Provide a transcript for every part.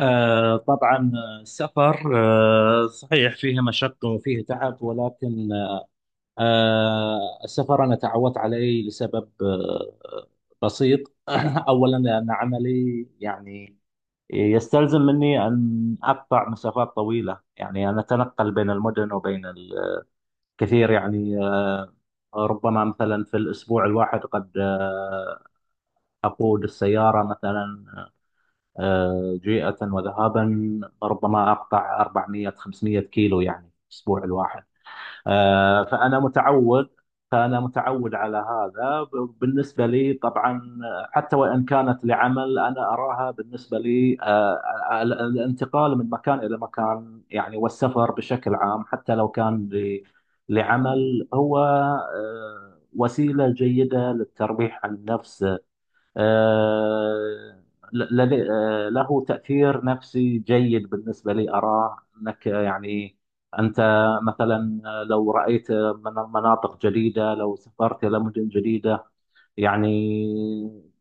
طبعا. السفر صحيح فيه مشقة وفيه تعب، ولكن السفر أنا تعودت عليه لسبب بسيط. أولا لأن عملي يعني يستلزم مني أن أقطع مسافات طويلة، يعني أنا أتنقل بين المدن وبين الكثير يعني ربما مثلا في الأسبوع الواحد قد أقود السيارة مثلا جيئة وذهابا، ربما أقطع 400 500 كيلو يعني في الأسبوع الواحد. آه، فأنا متعود فأنا متعود على هذا بالنسبة لي طبعا، حتى وإن كانت لعمل. أنا أراها بالنسبة لي الانتقال من مكان إلى مكان يعني، والسفر بشكل عام حتى لو كان لعمل، هو وسيلة جيدة للترفيه عن النفس. آه، له تأثير نفسي جيد بالنسبة لي، أراه أنك يعني أنت مثلا لو رأيت من مناطق جديدة، لو سافرت إلى مدن جديدة، يعني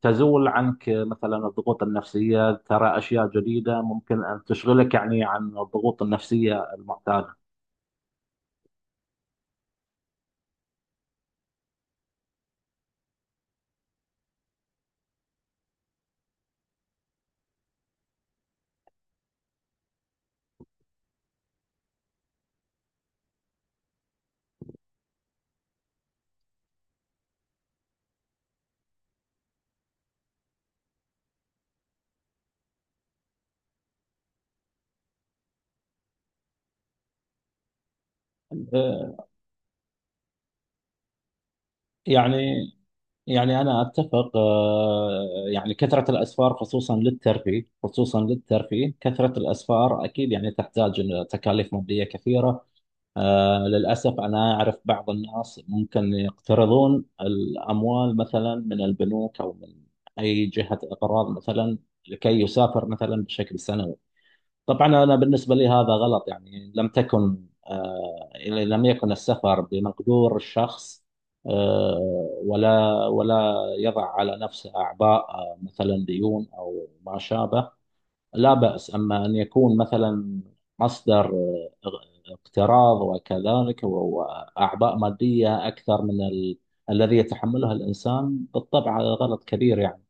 تزول عنك مثلا الضغوط النفسية، ترى أشياء جديدة ممكن أن تشغلك يعني عن الضغوط النفسية المعتادة. آه، يعني يعني أنا أتفق يعني كثرة الأسفار خصوصا للترفيه خصوصا للترفيه كثرة الأسفار أكيد يعني تحتاج إلى تكاليف مادية كثيرة. للأسف أنا أعرف بعض الناس ممكن يقترضون الأموال مثلا من البنوك أو من أي جهة إقراض مثلا، لكي يسافر مثلا بشكل سنوي. طبعا انا بالنسبه لي هذا غلط. يعني لم تكن آه لم يكن السفر بمقدور الشخص، آه ولا يضع على نفسه اعباء مثلا ديون او ما شابه، لا باس. اما ان يكون مثلا مصدر اقتراض، وكذلك واعباء ماديه اكثر من الذي يتحملها الانسان، بالطبع هذا غلط كبير يعني.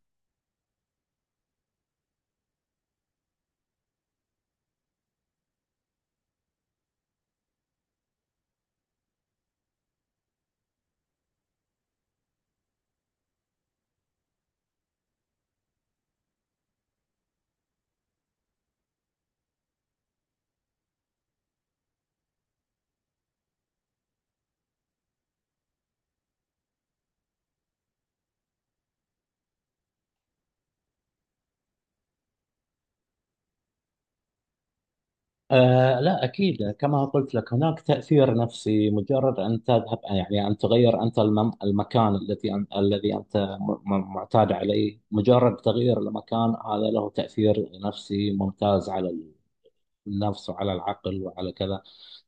لا، أكيد. كما قلت لك هناك تأثير نفسي، مجرد أن تذهب، يعني أن تغير أنت المكان التي أن الذي أنت معتاد عليه. مجرد تغيير المكان هذا له تأثير نفسي ممتاز على النفس وعلى العقل وعلى كذا،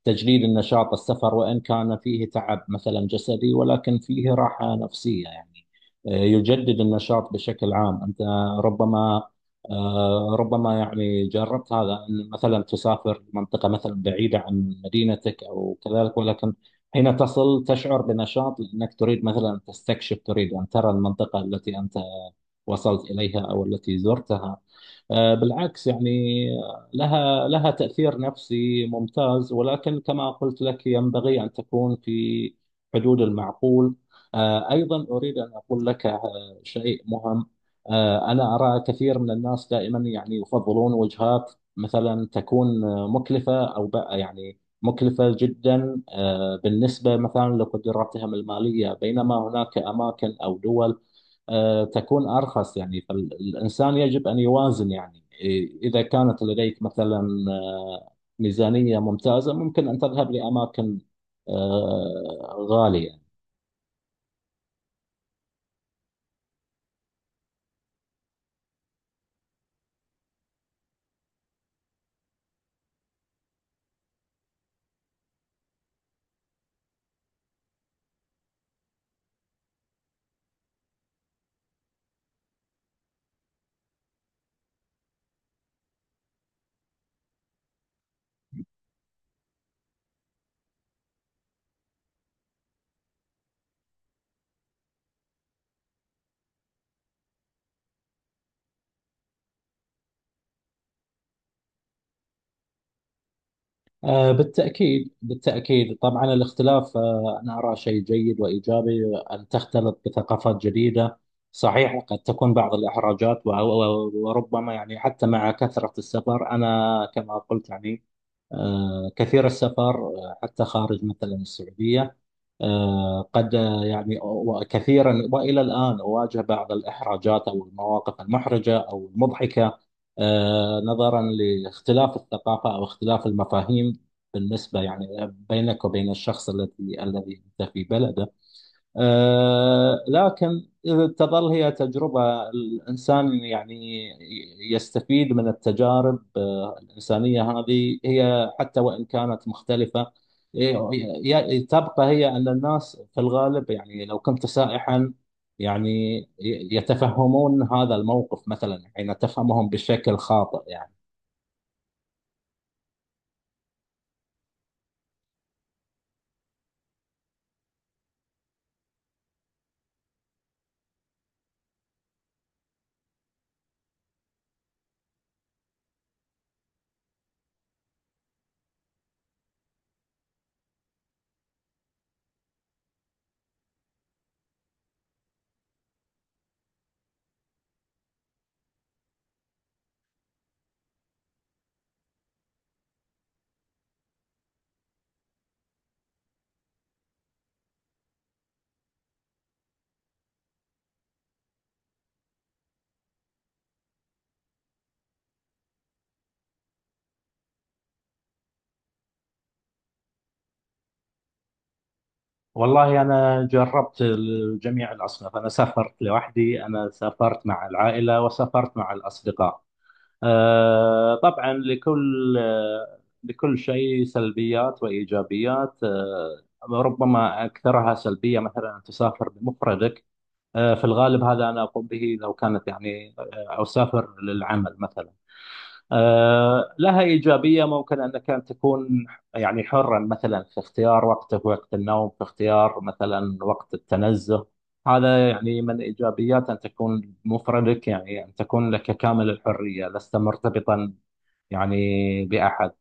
تجليل النشاط. السفر وإن كان فيه تعب مثلا جسدي ولكن فيه راحة نفسية يعني، يجدد النشاط بشكل عام. أنت ربما ربما يعني جربت هذا، أن مثلا تسافر منطقة مثلا بعيدة عن مدينتك أو كذلك، ولكن حين تصل تشعر بنشاط لأنك تريد مثلا تستكشف، تريد أن ترى المنطقة التي أنت وصلت إليها أو التي زرتها. بالعكس يعني، لها تأثير نفسي ممتاز، ولكن كما قلت لك ينبغي أن تكون في حدود المعقول. أيضا أريد أن أقول لك شيء مهم. أنا أرى كثير من الناس دائما يعني يفضلون وجهات مثلا تكون مكلفة، أو بقى يعني مكلفة جدا بالنسبة مثلا لقدراتهم المالية، بينما هناك أماكن أو دول تكون أرخص. يعني فالإنسان يجب أن يوازن يعني، إيه، إذا كانت لديك مثلا آه، ميزانية ممتازة ممكن أن تذهب لأماكن غالية. بالتأكيد بالتأكيد طبعا. الاختلاف أنا أرى شيء جيد وإيجابي، أن تختلط بثقافات جديدة. صحيح قد تكون بعض الإحراجات وربما، يعني حتى مع كثرة السفر أنا كما قلت يعني كثير السفر حتى خارج مثلا السعودية، آه، قد آه، يعني وكثيرا، والى الان اواجه بعض الاحراجات او المواقف المحرجه او المضحكه نظرا لاختلاف الثقافه او اختلاف المفاهيم بالنسبه يعني بينك وبين الشخص الذي انت في بلده. لكن إذا تظل هي تجربة الإنسان، يعني يستفيد من التجارب الإنسانية هذه، هي حتى وإن كانت مختلفة. ي- تبقى هي أن الناس في الغالب يعني لو كنت سائحا، يعني يتفهمون هذا الموقف مثلا حين تفهمهم بشكل خاطئ يعني. والله أنا جربت جميع الأصناف. أنا سافرت لوحدي، أنا سافرت مع العائلة، وسافرت مع الأصدقاء. طبعا لكل شيء سلبيات وإيجابيات. ربما أكثرها سلبية مثلا أن تسافر بمفردك. في الغالب هذا أنا أقوم به لو كانت يعني أسافر للعمل مثلا. لها إيجابية، ممكن أنك أن تكون يعني حرا مثلا في اختيار وقتك، وقت النوم، في اختيار مثلا وقت التنزه. هذا يعني من إيجابيات أن تكون مفردك، يعني أن تكون لك كامل الحرية، لست مرتبطا يعني بأحد.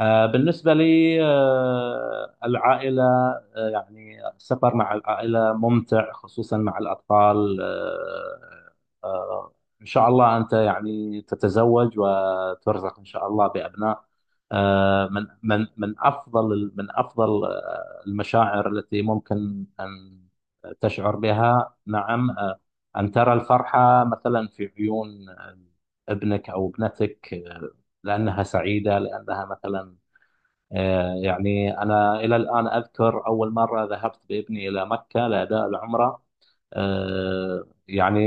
بالنسبة لي العائلة، يعني السفر مع العائلة ممتع، خصوصا مع الأطفال. آه، إن شاء الله أنت يعني تتزوج وترزق إن شاء الله بأبناء. من أفضل المشاعر التي ممكن أن تشعر بها. نعم. أن ترى الفرحة مثلا في عيون ابنك أو ابنتك، لأنها سعيدة، لأنها مثلا أنا إلى الآن أذكر أول مرة ذهبت بابني إلى مكة لأداء العمرة. يعني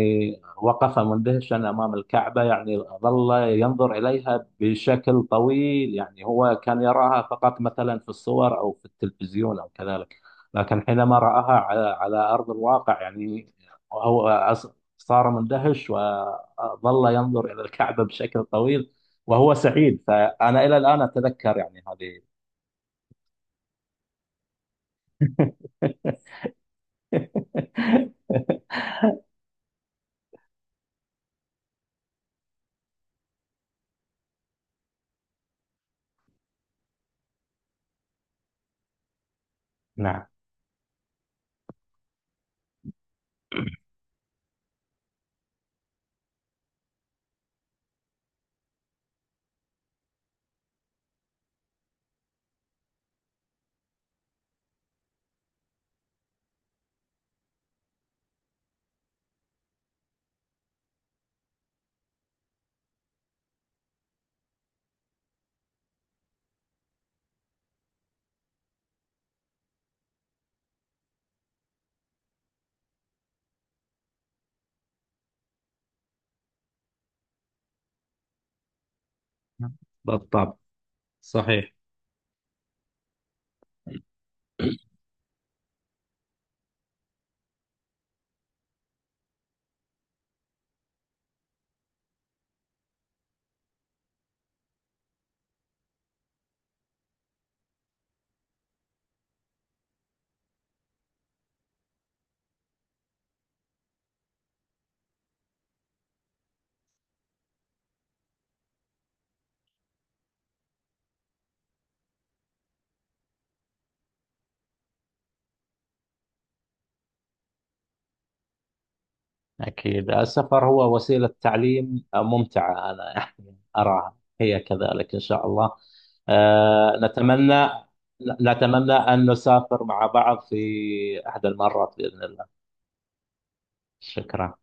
وقف مندهشا أمام الكعبة، يعني ظل ينظر إليها بشكل طويل، يعني هو كان يراها فقط مثلا في الصور أو في التلفزيون أو كذلك. لكن حينما رآها على أرض الواقع، يعني هو صار مندهش، وظل ينظر إلى الكعبة بشكل طويل، وهو سعيد. فأنا إلى الآن أتذكر يعني هذه. نعم، بالطبع، صحيح. أكيد السفر هو وسيلة تعليم ممتعة، أنا يعني أراها هي كذلك. إن شاء الله آه، نتمنى نتمنى أن نسافر مع بعض في أحد المرات بإذن الله. شكرا.